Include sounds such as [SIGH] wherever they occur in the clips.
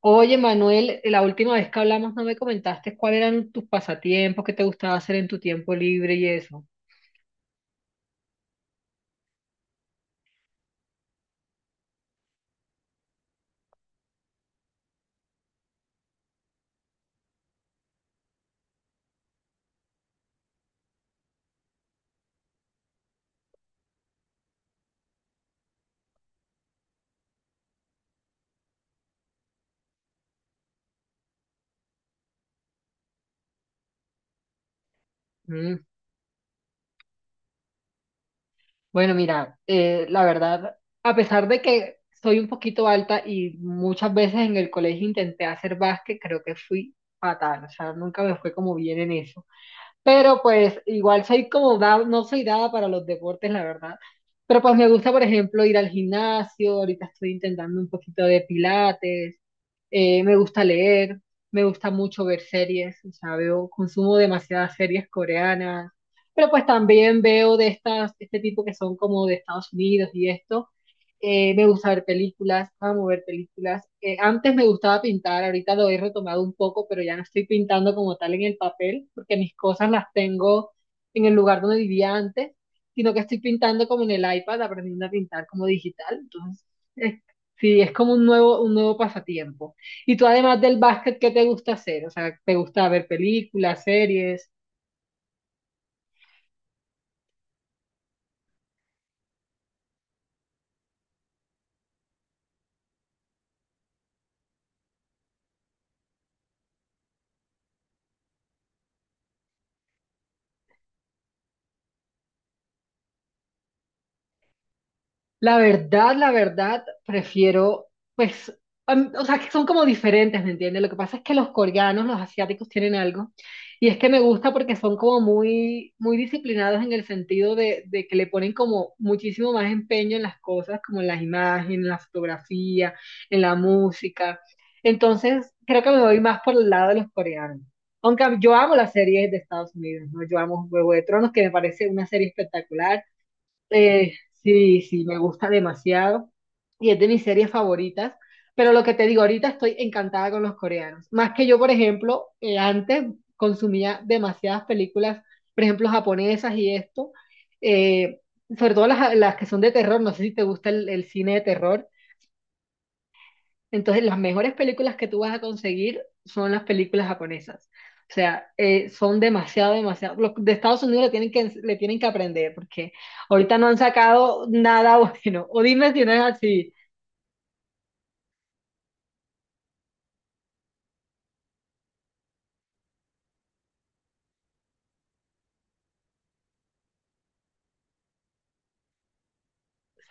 Oye, Manuel, la última vez que hablamos no me comentaste cuáles eran tus pasatiempos, qué te gustaba hacer en tu tiempo libre y eso. Mm. Bueno, mira, la verdad, a pesar de que soy un poquito alta y muchas veces en el colegio intenté hacer básquet, creo que fui fatal, o sea, nunca me fue como bien en eso. Pero pues igual soy como, no soy dada para los deportes, la verdad. Pero pues me gusta, por ejemplo, ir al gimnasio, ahorita estoy intentando un poquito de pilates. Me gusta leer, me gusta mucho ver series, o sea, veo, consumo demasiadas series coreanas, pero pues también veo de estas, este tipo que son como de Estados Unidos y esto. Me gusta ver películas, amo ver películas. Antes me gustaba pintar, ahorita lo he retomado un poco, pero ya no estoy pintando como tal en el papel, porque mis cosas las tengo en el lugar donde vivía antes, sino que estoy pintando como en el iPad, aprendiendo a pintar como digital. Entonces, eh, sí, es como un nuevo pasatiempo. Y tú además del básquet, ¿qué te gusta hacer? O sea, ¿te gusta ver películas, series? La verdad, prefiero, pues, o sea, que son como diferentes, ¿me entiendes? Lo que pasa es que los coreanos, los asiáticos tienen algo, y es que me gusta porque son como muy, muy disciplinados en el sentido de que le ponen como muchísimo más empeño en las cosas, como en las imágenes, en la fotografía, en la música. Entonces, creo que me voy más por el lado de los coreanos. Aunque yo amo las series de Estados Unidos, ¿no? Yo amo Juego de Tronos, que me parece una serie espectacular. Eh, sí, sí, me gusta demasiado y es de mis series favoritas, pero lo que te digo, ahorita estoy encantada con los coreanos. Más que yo, por ejemplo, antes consumía demasiadas películas, por ejemplo, japonesas y esto, eh, sobre todo las que son de terror, no sé si te gusta el cine de terror, entonces, las mejores películas que tú vas a conseguir son las películas japonesas. O sea, son demasiado, demasiado. Los de Estados Unidos le tienen que aprender porque ahorita no han sacado nada [LAUGHS] bueno. O dime si no es así.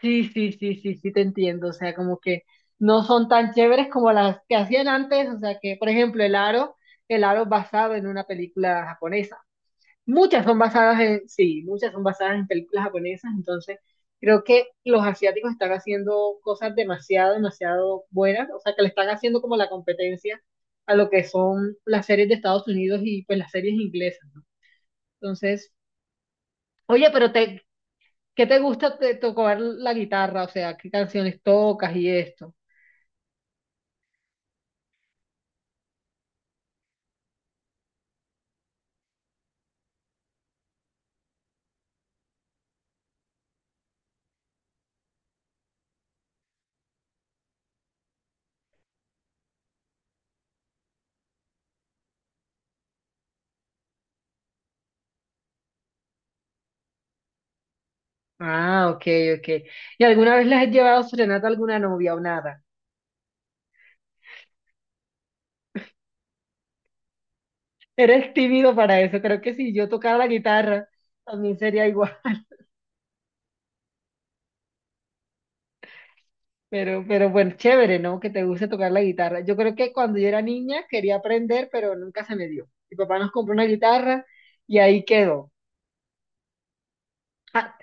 Sí, sí, sí, sí, sí, te entiendo. O sea, como que no son tan chéveres como las que hacían antes. O sea, que, por ejemplo, El Aro, El Aro es basado en una película japonesa. Muchas son basadas en, sí, muchas son basadas en películas japonesas, entonces creo que los asiáticos están haciendo cosas demasiado, demasiado buenas, o sea, que le están haciendo como la competencia a lo que son las series de Estados Unidos y pues las series inglesas, ¿no? Entonces, oye, pero ¿qué te gusta tocar la guitarra? O sea, ¿qué canciones tocas y esto? Ah, ok, ok. ¿Y alguna vez les has llevado serenata a alguna novia o nada? Eres tímido para eso, creo que si yo tocara la guitarra, también sería igual. Pero bueno, chévere, ¿no? Que te guste tocar la guitarra. Yo creo que cuando yo era niña quería aprender, pero nunca se me dio. Mi papá nos compró una guitarra y ahí quedó. Ah,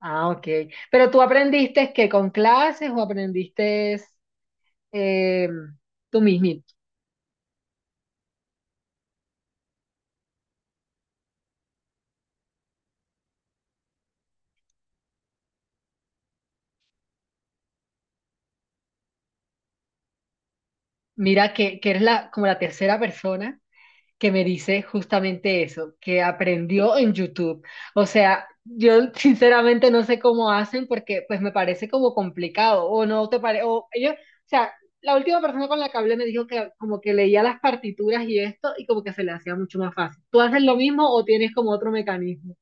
ah, ok. Pero tú aprendiste que con clases o aprendiste eh, tú mismo. Mira que eres la, como la tercera persona que me dice justamente eso, que aprendió en YouTube. O sea, yo sinceramente no sé cómo hacen porque pues me parece como complicado o no te parece, o ellos, o sea, la última persona con la que hablé me dijo que como que leía las partituras y esto y como que se le hacía mucho más fácil. ¿Tú haces lo mismo o tienes como otro mecanismo?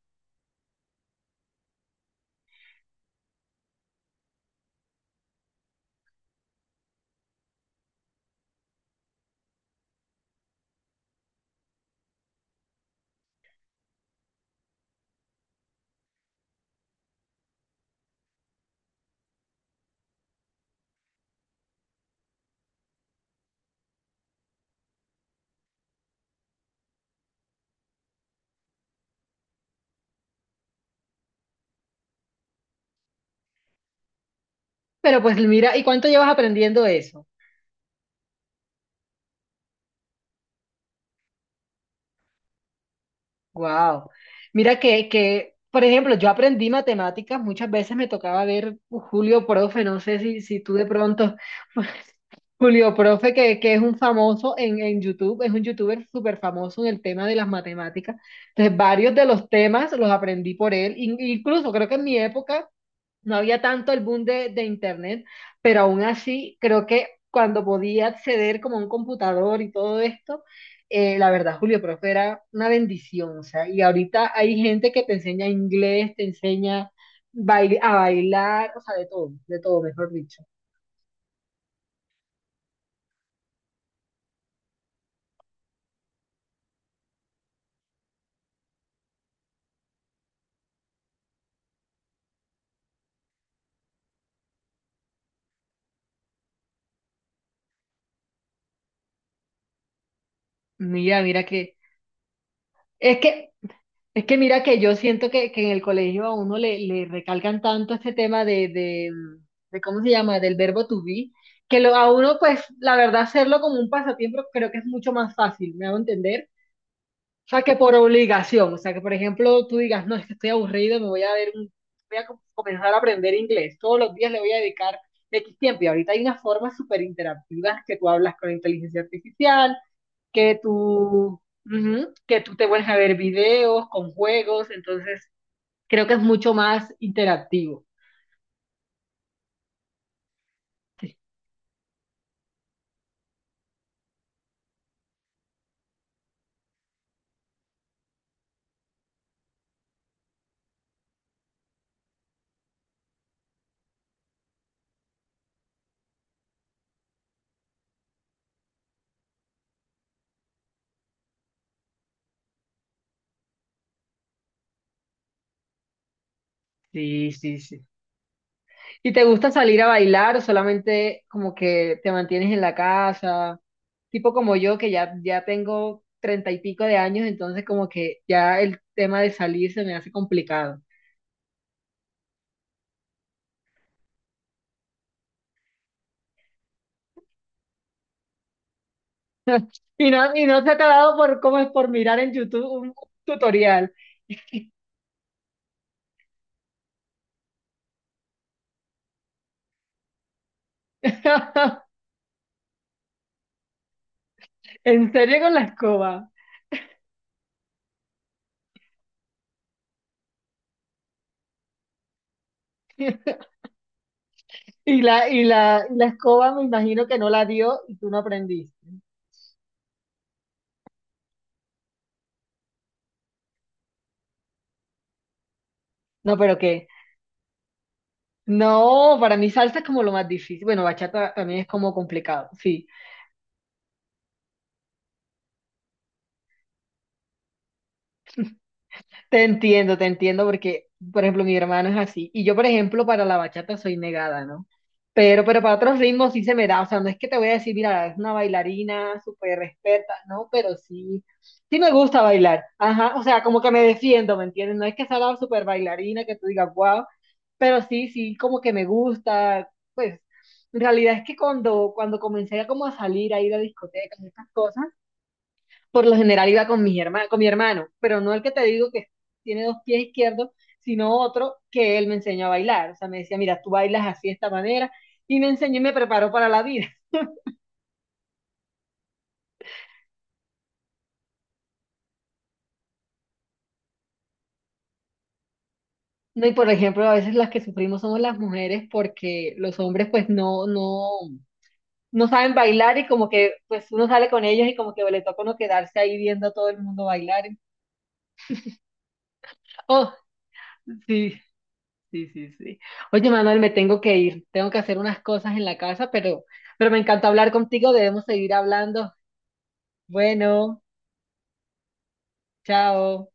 Pero pues mira, ¿y cuánto llevas aprendiendo eso? Wow. Mira que, por ejemplo, yo aprendí matemáticas, muchas veces me tocaba ver Julio Profe, no sé si tú de pronto, [LAUGHS] Julio Profe, que es un famoso en YouTube, es un youtuber súper famoso en el tema de las matemáticas. Entonces, varios de los temas los aprendí por él, incluso creo que en mi época no había tanto el boom de internet, pero aún así creo que cuando podía acceder como a un computador y todo esto, la verdad, Julio Profe era una bendición, o sea, y ahorita hay gente que te enseña inglés, te enseña a bailar, o sea, de todo, mejor dicho. Mira, mira que, es que Es que mira que yo siento que en el colegio a uno le recalcan tanto este tema de, ¿cómo se llama? Del verbo to be, que lo, a uno, pues, la verdad, hacerlo como un pasatiempo creo que es mucho más fácil, ¿me hago entender? O sea, que por obligación, o sea, que por ejemplo tú digas, no, es que estoy aburrido, me voy a ver, voy a comenzar a aprender inglés, todos los días le voy a dedicar X tiempo, y ahorita hay unas formas súper interactivas que tú hablas con inteligencia artificial, que tú, ujú, que tú te vuelves a ver videos con juegos, entonces creo que es mucho más interactivo. Sí, sí, sí. ¿Y te gusta salir a bailar o solamente como que te mantienes en la casa? Tipo como yo, que ya tengo treinta y pico de años, entonces como que ya el tema de salir se me hace complicado. Y no se te ha dado por, como es por mirar en YouTube un tutorial. [LAUGHS] En serio con la escoba. [LAUGHS] Y la escoba me imagino que no la dio y tú no aprendiste. No, pero qué. No, para mí salsa es como lo más difícil. Bueno, bachata también es como complicado, sí. Te entiendo, porque, por ejemplo, mi hermano es así. Y yo, por ejemplo, para la bachata soy negada, ¿no? Pero para otros ritmos sí se me da. O sea, no es que te voy a decir, mira, es una bailarina súper experta, ¿no? Pero sí, sí me gusta bailar. Ajá, o sea, como que me defiendo, ¿me entiendes? No es que sea la súper bailarina que tú digas, wow, pero sí, sí, como que me gusta. Pues, en realidad es que cuando comencé a como a salir, a ir a discotecas, y estas cosas, por lo general iba con mis con mi hermano, pero no el que te digo que tiene dos pies izquierdos, sino otro que él me enseñó a bailar. O sea, me decía, mira, tú bailas así de esta manera, y me enseñó y me preparó para la vida. No, y por ejemplo, a veces las que sufrimos somos las mujeres porque los hombres pues no, no, no saben bailar y como que pues uno sale con ellos y como que le toca uno quedarse ahí viendo a todo el mundo bailar. Oh, sí. Sí, sí, sí. Oye, Manuel, me tengo que ir. Tengo que hacer unas cosas en la casa, pero, me encantó hablar contigo. Debemos seguir hablando. Bueno, chao.